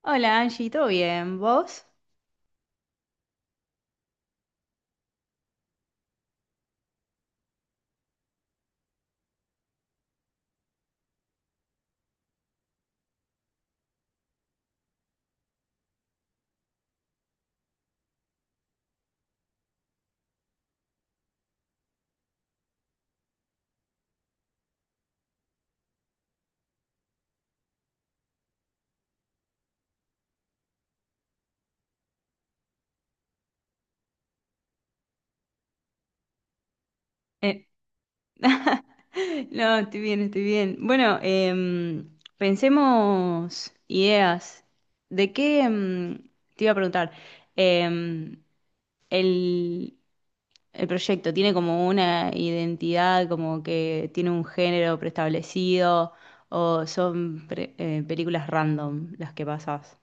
Hola Angie, ¿todo bien? ¿Vos? Eh, No, estoy bien, estoy bien. Bueno, pensemos ideas. ¿De qué te iba a preguntar? Em, el, el proyecto tiene como una identidad, como que tiene un género preestablecido, o son películas random las que pasas.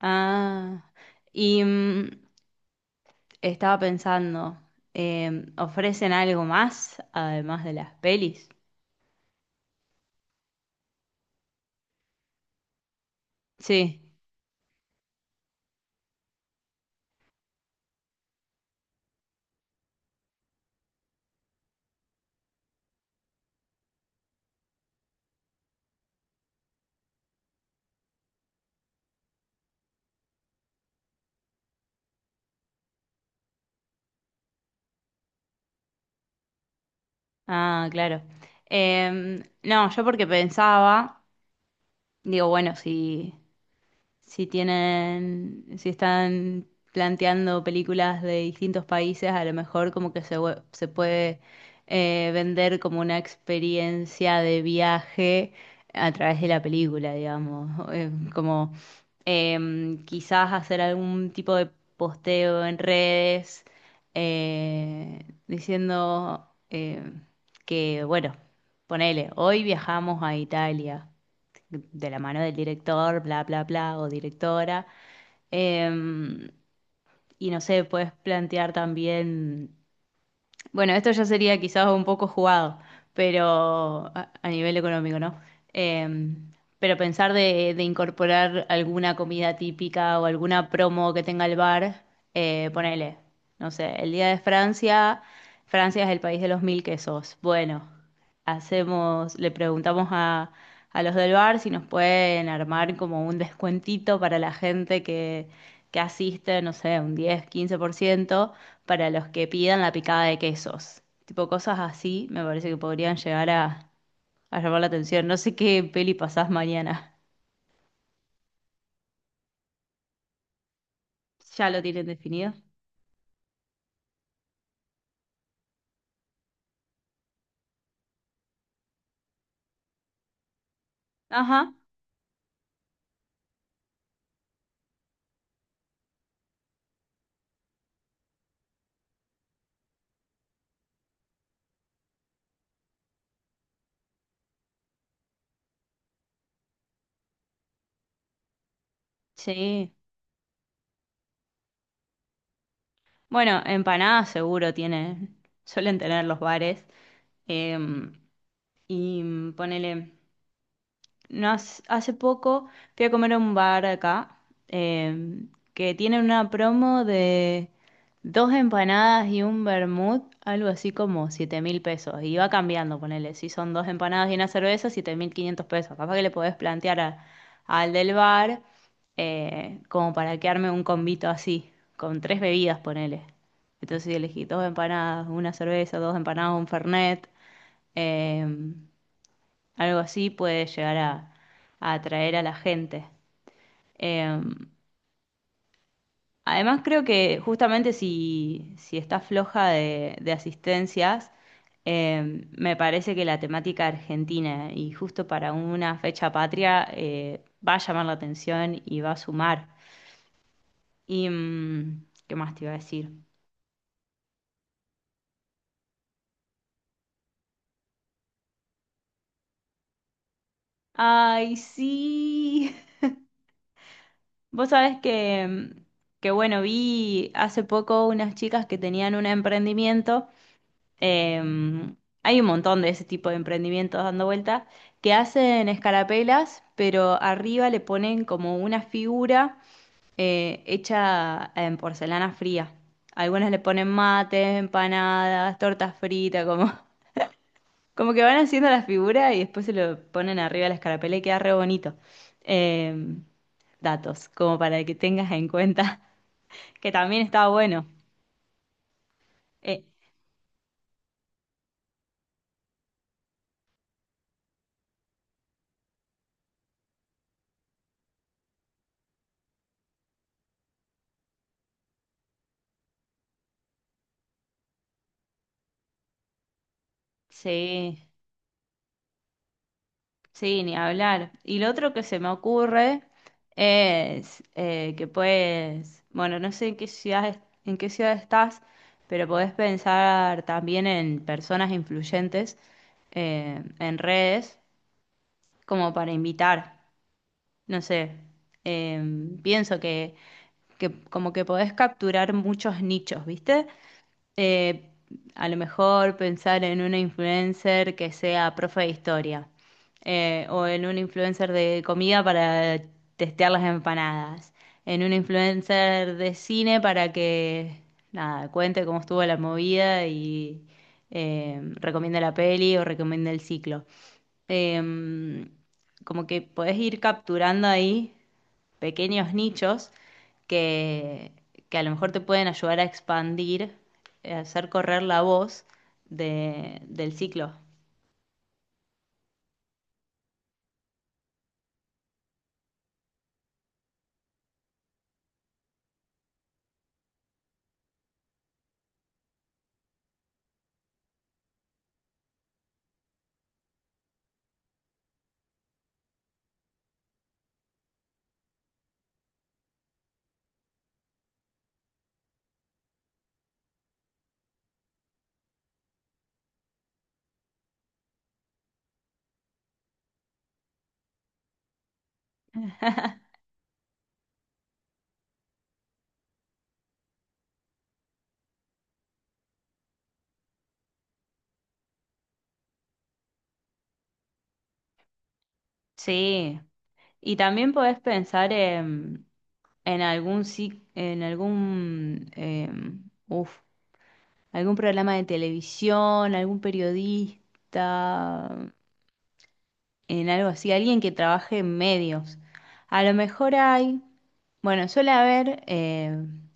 Ah, y estaba pensando, eh, ¿ofrecen algo más además de las pelis? Sí, ah, claro. No, yo porque pensaba, digo, bueno, si tienen, si están planteando películas de distintos países, a lo mejor como que se, se puede, vender como una experiencia de viaje a través de la película, digamos. Como quizás hacer algún tipo de posteo en redes, diciendo, que, bueno, ponele, hoy viajamos a Italia de la mano del director, bla, bla, bla, o directora. Em, y no sé, puedes plantear también, bueno, esto ya sería quizás un poco jugado, pero a nivel económico, ¿no? Eh, pero pensar de incorporar alguna comida típica o alguna promo que tenga el bar, ponele, no sé, el Día de Francia. Francia es el país de los mil quesos. Bueno, hacemos, le preguntamos a los del bar si nos pueden armar como un descuentito para la gente que asiste, no sé, un 10-15% para los que pidan la picada de quesos. Tipo cosas así me parece que podrían llegar a llamar la atención. No sé qué peli pasás mañana. ¿Ya lo tienen definido? Ajá, sí. Bueno, empanadas seguro tienen, suelen tener los bares. Em, y ponele. No, hace poco fui a comer a un bar acá, que tiene una promo de dos empanadas y un vermut, algo así como 7.000 pesos. Y va cambiando, ponele. Si son dos empanadas y una cerveza, 7.500 pesos. Capaz que le podés plantear al del bar, como para que arme un combito así, con tres bebidas, ponele. Entonces elegí dos empanadas, una cerveza, dos empanadas, un fernet. em, Algo así puede llegar a atraer a la gente. Eh, Además, creo que justamente si está floja de asistencias, me parece que la temática argentina y justo para una fecha patria, va a llamar la atención y va a sumar. Y, ¿qué más te iba a decir? Ay, sí. Vos sabés que, bueno, vi hace poco unas chicas que tenían un emprendimiento. Eh, Hay un montón de ese tipo de emprendimientos dando vueltas que hacen escarapelas, pero arriba le ponen como una figura, hecha en porcelana fría. Algunas le ponen mates, empanadas, tortas fritas, como, como que van haciendo la figura y después se lo ponen arriba a la escarapela y queda re bonito. Eh, Datos, como para que tengas en cuenta. Que también está bueno. Eh, sí. Sí, ni hablar. Y lo otro que se me ocurre es, que puedes, bueno, no sé en qué ciudad, en qué ciudad estás, pero podés pensar también en personas influyentes, en redes como para invitar. No sé, eh, pienso que como que podés capturar muchos nichos, ¿viste? Eh, a lo mejor pensar en una influencer que sea profe de historia, o en un influencer de comida para testear las empanadas, en un influencer de cine para que nada, cuente cómo estuvo la movida y, recomiende la peli o recomiende el ciclo. Eh, Como que podés ir capturando ahí pequeños nichos que, que a lo mejor te pueden ayudar a expandir, hacer correr la voz del ciclo. Sí, y también podés pensar en algún, en algún, uf, algún programa de televisión, algún periodista, en algo así, alguien que trabaje en medios. A lo mejor hay, bueno, suele haber,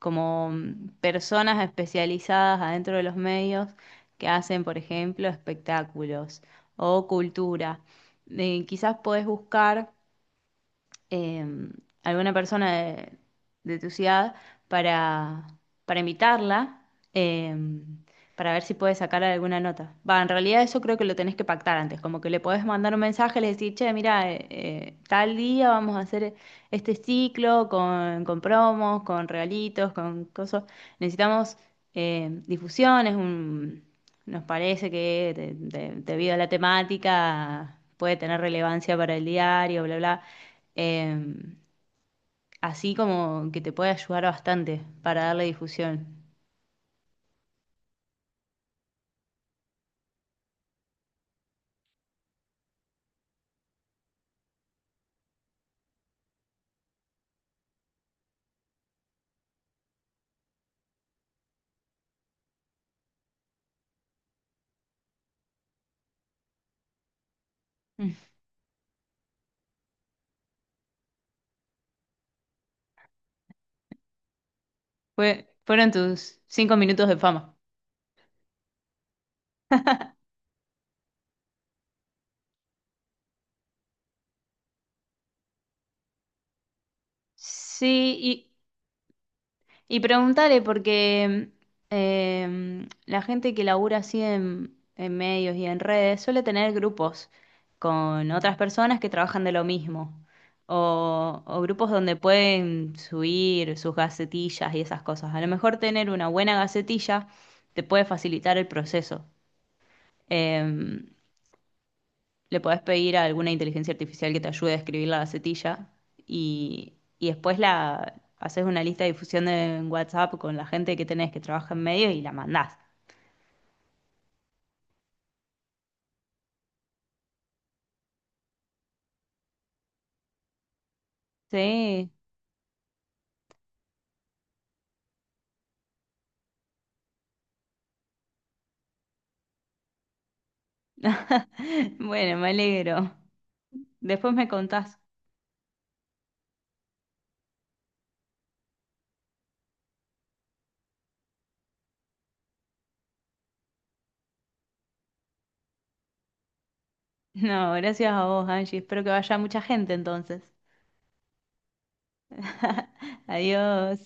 como personas especializadas adentro de los medios que hacen, por ejemplo, espectáculos o cultura. Quizás podés buscar, eh, alguna persona de tu ciudad, para, para invitarla, eh, para ver si puede sacar alguna nota. Va, en realidad eso creo que lo tenés que pactar antes, como que le podés mandar un mensaje, le decís, che, mira, tal día vamos a hacer este ciclo con promos, con regalitos, con cosas. Necesitamos, difusiones, un... Nos parece que debido a la temática puede tener relevancia para el diario, bla, bla. Eh, Así como que te puede ayudar bastante para darle difusión. Mm. Fueron tus cinco minutos de fama. Sí, y preguntaré porque, la gente que labura así en medios y en redes suele tener grupos con otras personas que trabajan de lo mismo. O grupos donde pueden subir sus gacetillas y esas cosas. A lo mejor tener una buena gacetilla te puede facilitar el proceso. Eh, Le podés pedir a alguna inteligencia artificial que te ayude a escribir la gacetilla y, después la haces una lista de difusión en WhatsApp con la gente que tenés que trabaja en medio y la mandás. Sí. Bueno, me alegro. Después me contás. No, gracias a vos, Angie. Espero que vaya mucha gente entonces. Adiós.